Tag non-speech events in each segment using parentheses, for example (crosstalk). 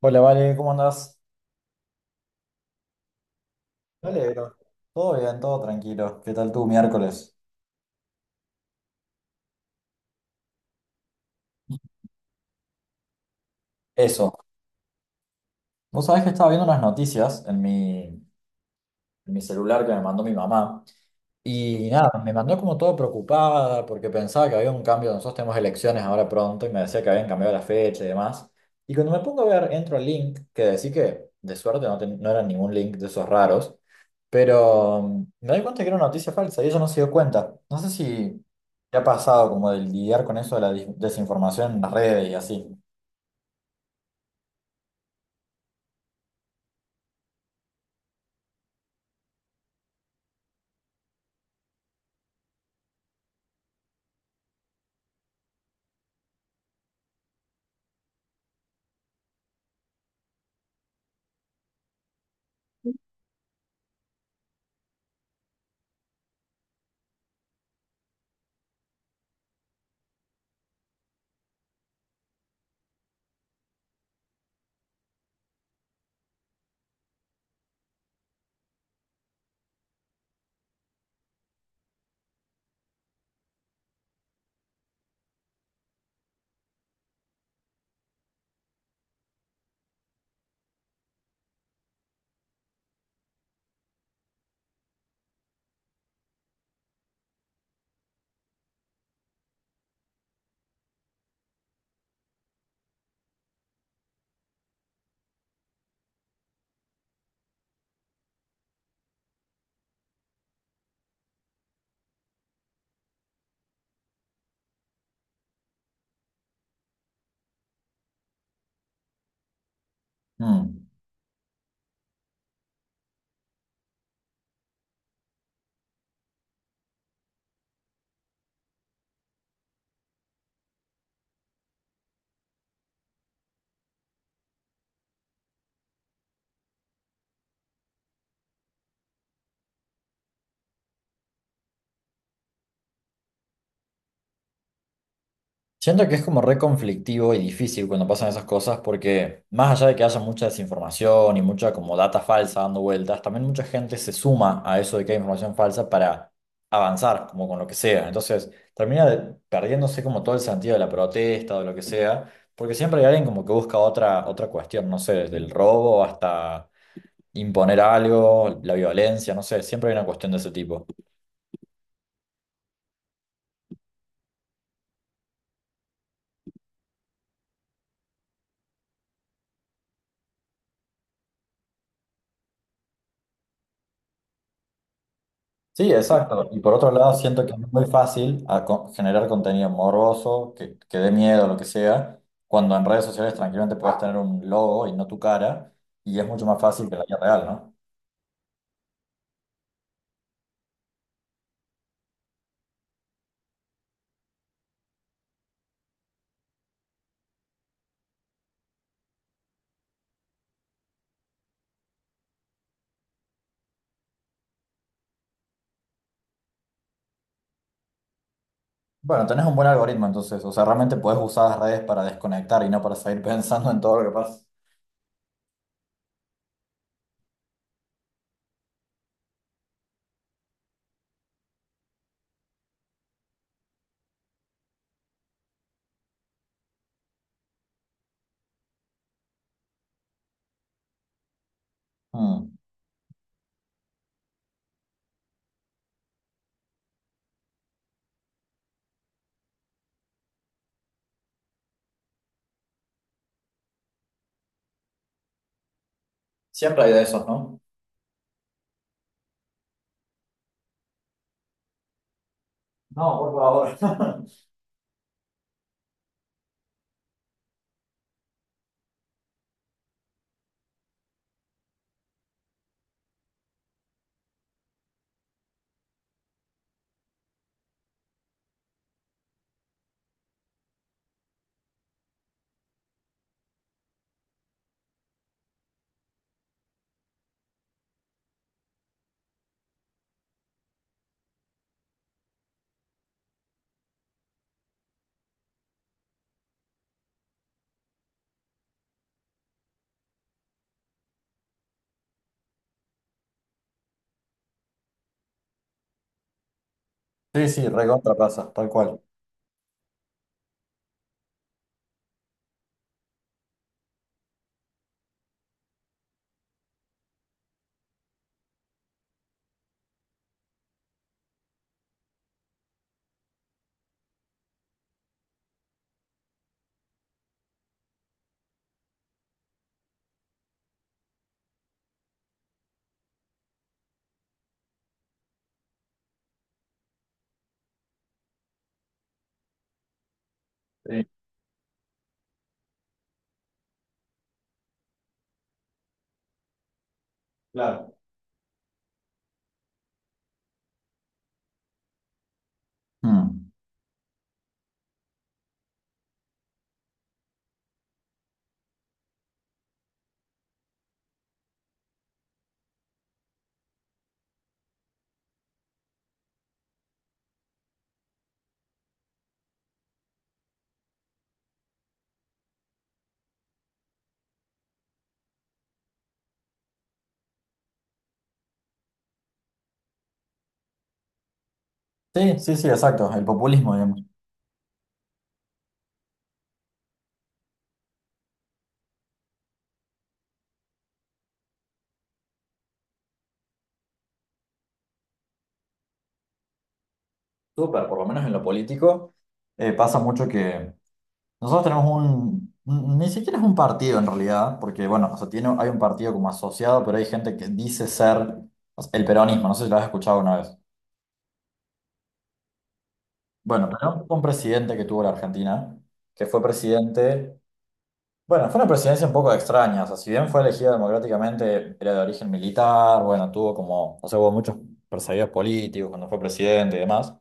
Hola, Vale, ¿cómo andás? Me alegro. Todo bien, todo tranquilo. ¿Qué tal tu miércoles? Eso. Vos sabés que estaba viendo unas noticias en mi celular que me mandó mi mamá. Y nada, me mandó como todo preocupada porque pensaba que había un cambio, nosotros tenemos elecciones ahora pronto y me decía que habían cambiado la fecha y demás. Y cuando me pongo a ver, entro al link, que decí que de suerte no, no era ningún link de esos raros, pero me doy cuenta que era una noticia falsa y ella no se dio cuenta. No sé si te ha pasado como de lidiar con eso de la desinformación en las redes y así. Mm. Siento que es como re conflictivo y difícil cuando pasan esas cosas porque más allá de que haya mucha desinformación y mucha como data falsa dando vueltas, también mucha gente se suma a eso de que hay información falsa para avanzar como con lo que sea. Entonces termina perdiéndose como todo el sentido de la protesta o de lo que sea, porque siempre hay alguien como que busca otra cuestión, no sé, desde el robo hasta imponer algo, la violencia, no sé, siempre hay una cuestión de ese tipo. Sí, exacto. Y por otro lado, siento que es muy fácil generar contenido morboso, que dé miedo, lo que sea, cuando en redes sociales tranquilamente puedes tener un logo y no tu cara, y es mucho más fácil que la vida real, ¿no? Bueno, tenés un buen algoritmo entonces, o sea, realmente podés usar las redes para desconectar y no para seguir (laughs) pensando en todo lo que pasa. Mm. Siempre hay de esos, ¿no? No, por favor. (laughs) Sí, sí, recontra pasa, tal cual. Sí, claro. Mm. Sí, sí, sí, exacto, el populismo, digamos. Súper, por lo menos en lo político, pasa mucho que nosotros tenemos ni siquiera es un partido en realidad, porque bueno, o sea, tiene, hay un partido como asociado, pero hay gente que dice ser o sea, el peronismo, no sé si lo has escuchado una vez. Bueno, pero fue un presidente que tuvo la Argentina, que fue presidente. Bueno, fue una presidencia un poco extraña, o sea, si bien fue elegida democráticamente, era de origen militar, bueno, tuvo como, o sea, hubo muchos perseguidos políticos cuando fue presidente y demás.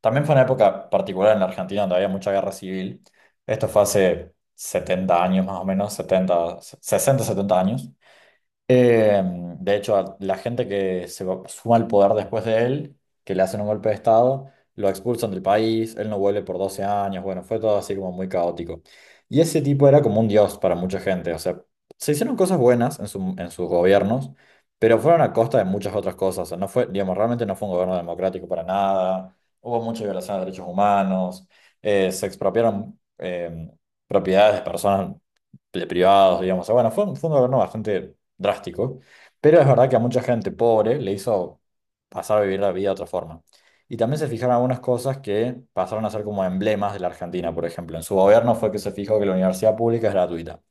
También fue una época particular en la Argentina donde había mucha guerra civil. Esto fue hace 70 años más o menos, 70, 60, 70 años. Eh, de hecho, a la gente que suma al poder después de él, que le hacen un golpe de estado, lo expulsan del país, él no vuelve por 12 años, bueno, fue todo así como muy caótico. Y ese tipo era como un dios para mucha gente, o sea, se hicieron cosas buenas en sus gobiernos, pero fueron a costa de muchas otras cosas, o sea, no fue, digamos, realmente no fue un gobierno democrático para nada, hubo mucha violación de derechos humanos, se expropiaron propiedades de personas de privados, digamos. O sea, bueno, fue un gobierno bastante drástico, pero es verdad que a mucha gente pobre le hizo pasar a vivir la vida de otra forma. Y también se fijaron algunas cosas que pasaron a ser como emblemas de la Argentina, por ejemplo. En su gobierno fue que se fijó que la universidad pública es gratuita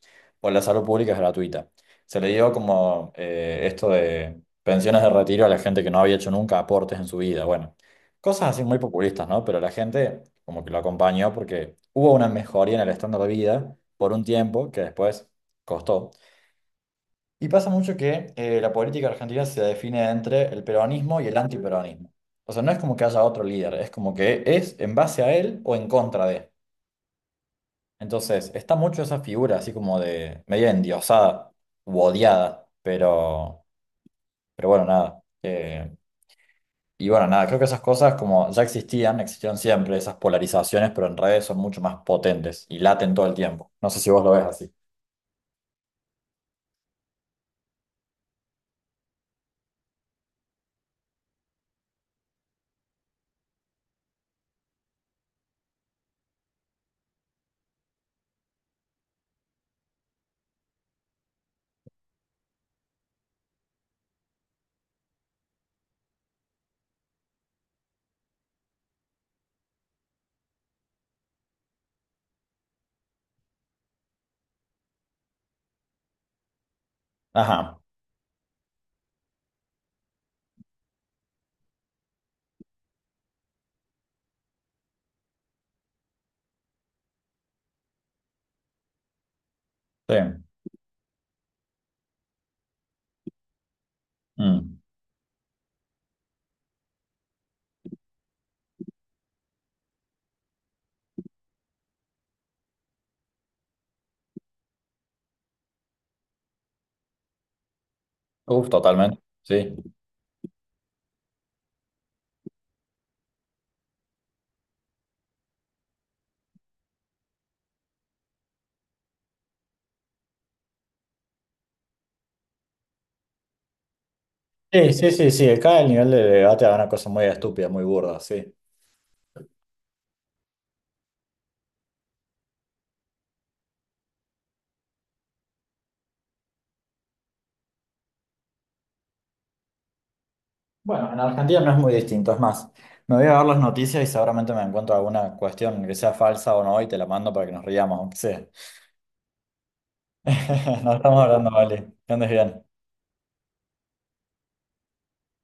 o la salud pública es gratuita. Se le dio como esto de pensiones de retiro a la gente que no había hecho nunca aportes en su vida. Bueno, cosas así muy populistas, ¿no? Pero la gente como que lo acompañó porque hubo una mejoría en el estándar de vida por un tiempo que después costó. Y pasa mucho que la política argentina se define entre el peronismo y el antiperonismo. O sea, no es como que haya otro líder, es como que es en base a él o en contra de. Entonces, está mucho esa figura así como de media endiosada u odiada, pero bueno, nada. Y bueno, nada, creo que esas cosas como ya existían, existieron siempre, esas polarizaciones, pero en redes son mucho más potentes y laten todo el tiempo. No sé si vos lo ves así. Ajá, sí. Mm. Uf, totalmente. Sí. Sí, sí, sí, sí. Acá el nivel de debate es una cosa muy estúpida, muy burda, sí. Bueno, en Argentina no es muy distinto, es más, me voy a ver las noticias y seguramente me encuentro alguna cuestión que sea falsa o no y te la mando para que nos riamos, aunque sea. (laughs) Nos estamos hablando, vale. Que andes bien.